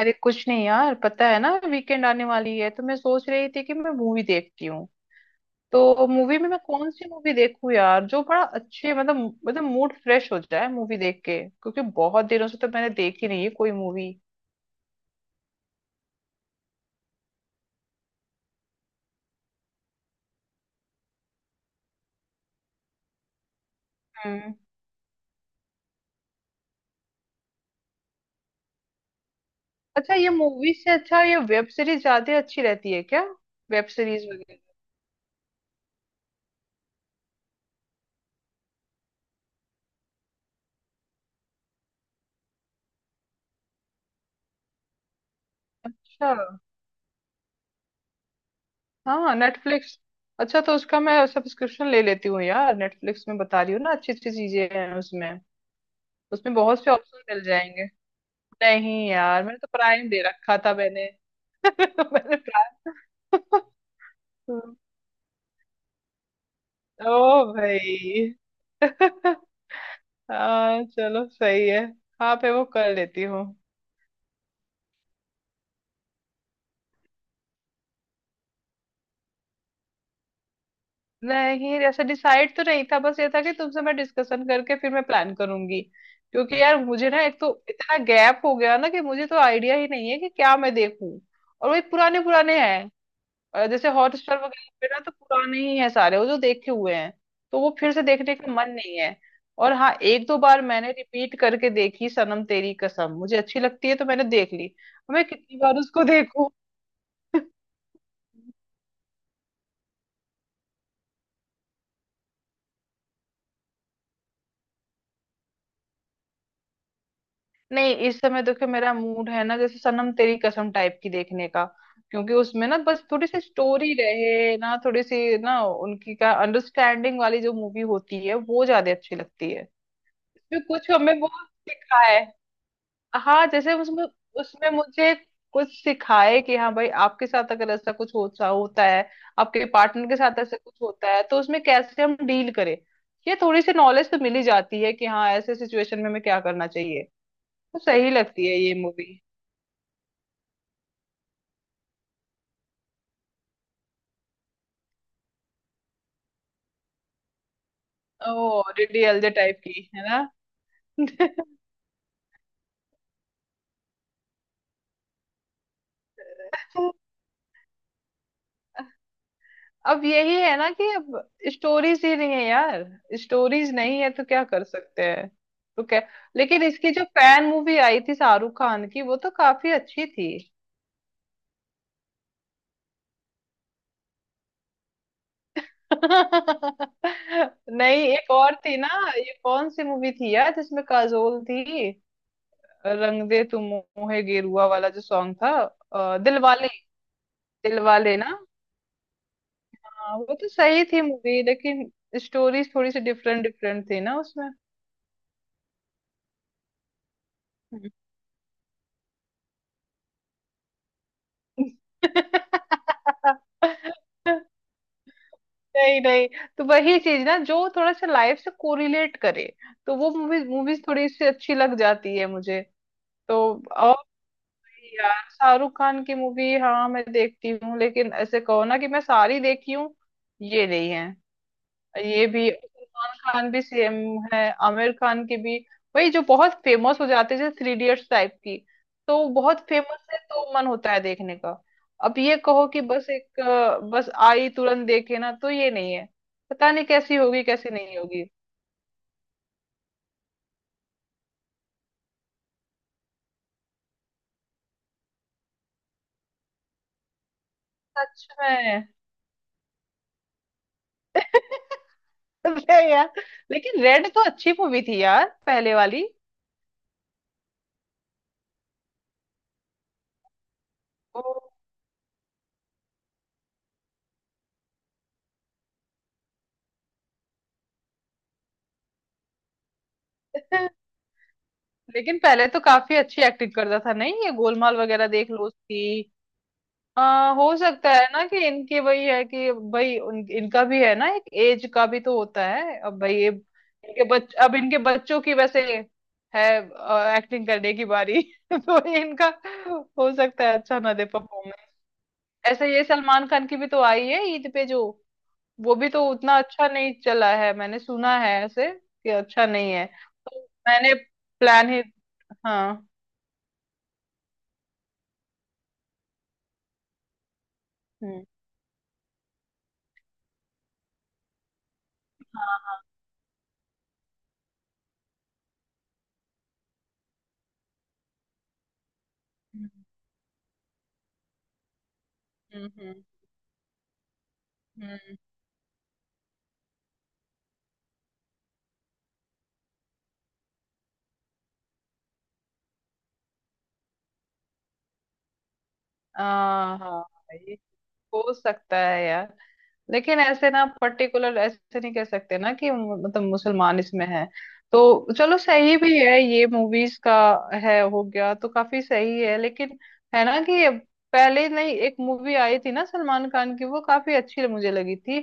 अरे कुछ नहीं यार, पता है ना वीकेंड आने वाली है तो मैं सोच रही थी कि मैं मूवी देखती हूँ। तो मूवी में मैं कौन सी मूवी देखूँ यार, जो बड़ा अच्छे मतलब मूड फ्रेश हो जाए मूवी देख के, क्योंकि बहुत दिनों से तो मैंने देखी नहीं है कोई मूवी। हम्म। अच्छा, ये मूवी से अच्छा ये वेब सीरीज ज्यादा अच्छी रहती है क्या, वेब सीरीज वगैरह? अच्छा। हाँ, नेटफ्लिक्स। अच्छा तो उसका मैं सब्सक्रिप्शन ले लेती हूँ यार, नेटफ्लिक्स में बता रही हूँ ना अच्छी अच्छी चीजें हैं उसमें। उसमें बहुत से ऑप्शन मिल जाएंगे। नहीं यार, मैंने तो प्राइम दे रखा था मैंने। मैंने प्राइम। ओ भाई। हाँ चलो सही है। हाँ पे वो कर लेती हूँ। नहीं, ऐसा डिसाइड तो नहीं था, बस ये था कि तुमसे मैं डिस्कशन करके फिर मैं प्लान करूंगी। क्योंकि यार मुझे ना एक तो इतना गैप हो गया ना कि मुझे तो आइडिया ही नहीं है कि क्या मैं देखूं। और वो एक पुराने पुराने हैं। जैसे हॉटस्टार वगैरह पे ना तो पुराने ही है सारे, वो जो देखे हुए हैं तो वो फिर से देखने का मन नहीं है। और हाँ, एक दो बार मैंने रिपीट करके देखी सनम तेरी कसम। मुझे अच्छी लगती है तो मैंने देख ली, अब मैं कितनी बार उसको देखूं। नहीं, इस समय देखो मेरा मूड है ना, जैसे सनम तेरी कसम टाइप की देखने का। क्योंकि उसमें ना बस थोड़ी सी स्टोरी रहे ना, थोड़ी सी ना उनकी का अंडरस्टैंडिंग वाली जो मूवी होती है वो ज्यादा अच्छी लगती है। इसमें कुछ हमें वो सिखाए। हाँ, जैसे उसमें उसमें मुझे कुछ सिखाए कि हाँ भाई, आपके साथ अगर ऐसा कुछ होता होता है, आपके पार्टनर के साथ ऐसा कुछ होता है तो उसमें कैसे हम डील करें। ये थोड़ी सी नॉलेज तो मिली जाती है कि हाँ ऐसे सिचुएशन में हमें क्या करना चाहिए। तो सही लगती है ये मूवी। ओ डीडी एलजे टाइप की है ना। तो अब यही है ना कि अब स्टोरीज ही नहीं है यार। स्टोरीज नहीं है तो क्या कर सकते हैं। तो क्या, लेकिन इसकी जो फैन मूवी आई थी शाहरुख खान की वो तो काफी अच्छी थी। नहीं एक और थी ना, ये कौन सी मूवी थी यार जिसमें काजोल थी, रंग दे तू मोहे गेरुआ वाला जो सॉन्ग था। दिलवाले। दिलवाले ना। हाँ, वो तो सही थी मूवी, लेकिन स्टोरी थोड़ी सी डिफरेंट डिफरेंट थी ना उसमें। नहीं नहीं, तो वही चीज ना जो थोड़ा सा लाइफ से कोरिलेट करे, तो वो मूवीज मूवीज थोड़ी सी अच्छी लग जाती है मुझे। तो यार शाहरुख खान की मूवी हाँ मैं देखती हूँ, लेकिन ऐसे कहो ना कि मैं सारी देखी हूँ, ये नहीं है। ये भी सलमान खान भी सेम है। आमिर खान की भी वही, जो बहुत फेमस हो जाते हैं जैसे 3 इडियट्स टाइप की। तो वो बहुत फेमस है तो मन होता है देखने का। अब ये कहो कि बस एक बस आई तुरंत देखे ना, तो ये नहीं है। पता नहीं कैसी होगी कैसी नहीं होगी। सच में? अरे यार, लेकिन रेड तो अच्छी मूवी थी यार पहले वाली। ओ, लेकिन पहले तो काफी अच्छी एक्टिंग करता था, नहीं ये गोलमाल वगैरह देख लो उसकी। हो सकता है ना कि इनके वही है कि भाई इनका भी है ना एक एज का भी तो होता है। अब भाई ये इनके बच अब इनके बच्चों की वैसे है एक्टिंग करने की बारी। तो इनका हो सकता है अच्छा ना दे परफॉर्मेंस। ऐसे ये सलमान खान की भी तो आई है ईद पे जो, वो भी तो उतना अच्छा नहीं चला है, मैंने सुना है ऐसे कि अच्छा नहीं है। तो मैंने प्लान ही। हाँ। हम्म हम्म हम्म हम्म। हाँ हाँ, ये हो सकता है यार, लेकिन ऐसे ना पर्टिकुलर ऐसे नहीं कह सकते ना कि मतलब मुसलमान इसमें है। तो चलो सही भी है ये मूवीज का। है, हो गया तो काफी सही है, लेकिन है ना कि पहले, नहीं एक मूवी आई थी ना सलमान खान की वो काफी अच्छी मुझे लगी थी,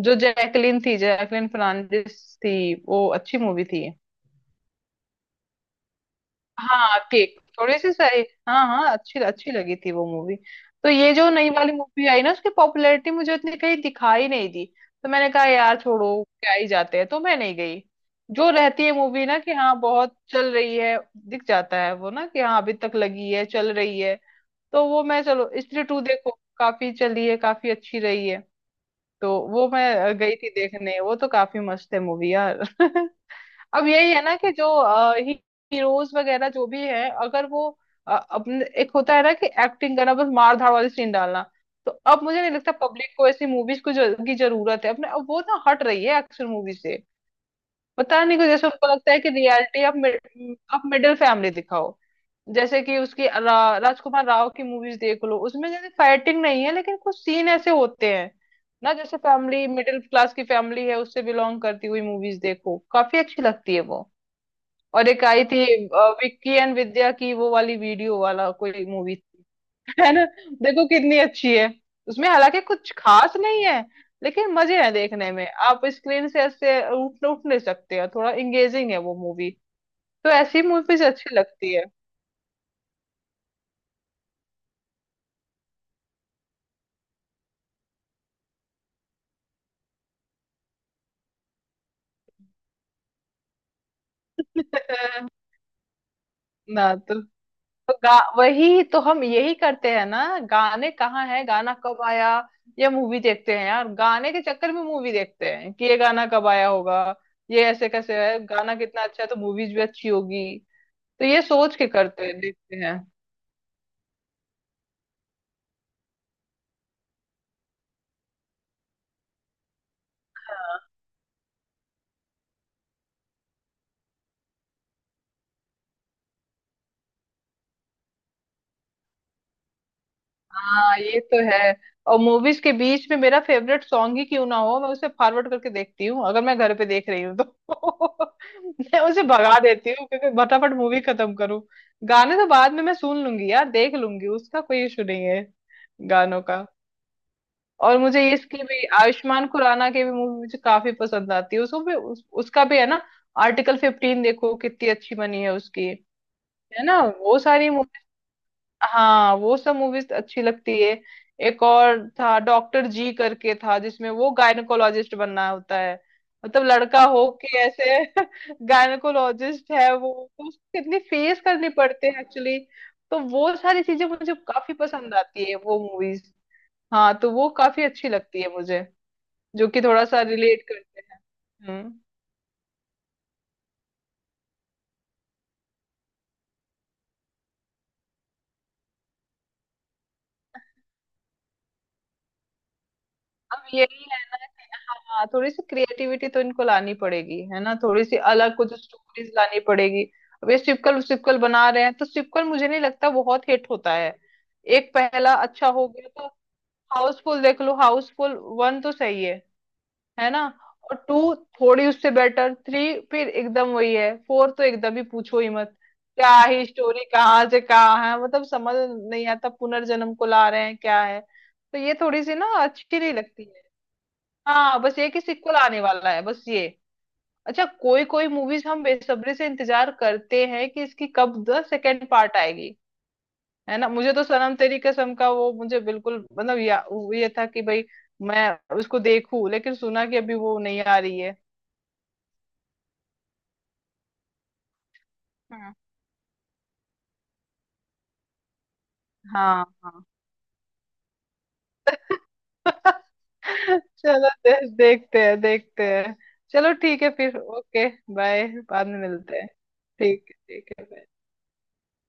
जो जैकलीन थी, जैकलीन फर्नांडिस थी, वो अच्छी मूवी थी। हाँ केक थोड़ी सी सही। हाँ हाँ अच्छी अच्छी लगी थी वो मूवी। तो ये जो नई वाली मूवी आई ना, उसकी पॉपुलैरिटी मुझे इतनी कहीं दिखाई नहीं दी। तो मैंने कहा यार छोड़ो, क्या ही जाते हैं, तो मैं नहीं गई। जो रहती है मूवी ना कि हाँ बहुत चल रही है, दिख जाता है वो ना कि हाँ अभी तक लगी है चल रही है। तो वो मैं, चलो स्त्री 2 देखो, काफी चली है काफी अच्छी रही है, तो वो मैं गई थी देखने। वो तो काफी मस्त है मूवी यार। अब यही है ना कि जो हीरोज वगैरह जो भी है अगर वो, अपने एक होता है ना कि एक्टिंग करना, बस मार धाड़ वाली सीन डालना। तो अब मुझे नहीं लगता पब्लिक को ऐसी मूवीज को की जरूरत है, अपने अब वो ना हट रही है एक्शन मूवी से। पता नहीं क्यों, जैसे उनको लगता है कि रियलिटी अब अब मिडिल फैमिली दिखाओ। जैसे कि उसकी राजकुमार राव की मूवीज देख लो, उसमें जैसे फाइटिंग नहीं है लेकिन कुछ सीन ऐसे होते हैं ना, जैसे फैमिली, मिडिल क्लास की फैमिली है उससे बिलोंग करती हुई मूवीज देखो, काफी अच्छी लगती है वो। और एक आई थी विक्की एंड विद्या की, वो वाली वीडियो वाला कोई मूवी थी। है ना, देखो कितनी अच्छी है। उसमें हालांकि कुछ खास नहीं है, लेकिन मजे हैं देखने में, आप स्क्रीन से ऐसे उठ उठ नहीं सकते हो, थोड़ा इंगेजिंग है वो मूवी। तो ऐसी मूवीज अच्छी लगती है। ना तो गा वही तो हम यही करते हैं ना, गाने कहाँ है गाना कब आया। ये मूवी देखते हैं यार, गाने के चक्कर में मूवी देखते हैं कि ये गाना कब आया होगा, ये ऐसे कैसे है, गाना कितना अच्छा है तो मूवीज भी अच्छी होगी। तो ये सोच के करते हैं देखते हैं। हाँ ये तो है। और मूवीज के बीच में मेरा फेवरेट सॉन्ग ही क्यों ना हो, मैं उसे फॉरवर्ड करके देखती हूँ, अगर मैं घर पे देख रही हूँ तो। मैं उसे भगा देती हूँ, क्योंकि फटाफट मूवी खत्म करूँ। गाने तो बाद में मैं सुन लूंगी यार, देख लूंगी, उसका कोई इशू नहीं है गानों का। और मुझे इसकी भी, आयुष्मान खुराना की भी मूवी मुझे काफी पसंद आती है, उसको भी उसका भी है ना आर्टिकल 15, देखो कितनी अच्छी बनी है उसकी। है ना, वो सारी। हाँ वो सब मूवीज अच्छी लगती है। एक और था डॉक्टर जी करके था जिसमें वो गायनकोलॉजिस्ट बनना होता है, मतलब लड़का हो के ऐसे गायनकोलॉजिस्ट है वो। तो उसको कितनी फेस करनी पड़ते हैं एक्चुअली। तो वो सारी चीजें मुझे काफी पसंद आती है वो मूवीज। हाँ तो वो काफी अच्छी लगती है मुझे, जो कि थोड़ा सा रिलेट करते हैं। हम्म। अब यही है ना कि हाँ, थोड़ी सी क्रिएटिविटी तो इनको लानी पड़ेगी है ना, थोड़ी सी अलग कुछ स्टोरीज लानी पड़ेगी। अब ये सिक्वल सिक्वल बना रहे हैं, तो सिक्वल मुझे नहीं लगता बहुत हिट होता है। एक पहला अच्छा हो गया तो, हाउसफुल देख लो, हाउसफुल 1 तो सही है ना, और 2 थोड़ी उससे बेटर, 3 फिर एकदम वही है, 4 तो एकदम ही पूछो ही मत। क्या ही स्टोरी, कहाँ से कहाँ है, मतलब समझ नहीं आता, पुनर्जन्म को ला रहे हैं, क्या है, तो ये थोड़ी सी ना अच्छी नहीं लगती है। हाँ बस ये कि सिक्वल आने वाला है बस ये। अच्छा कोई कोई मूवीज हम बेसब्री से इंतजार करते हैं कि इसकी कब द सेकेंड पार्ट आएगी। है ना, मुझे तो सनम तेरी कसम का वो मुझे बिल्कुल, मतलब वो ये था कि भाई मैं उसको देखूं, लेकिन सुना कि अभी वो नहीं आ रही है। हाँ हाँ हाँ। चलो देखते हैं देखते हैं। चलो ठीक है फिर, ओके, बाय, बाद में मिलते हैं। ठीक है ठीक है, bye।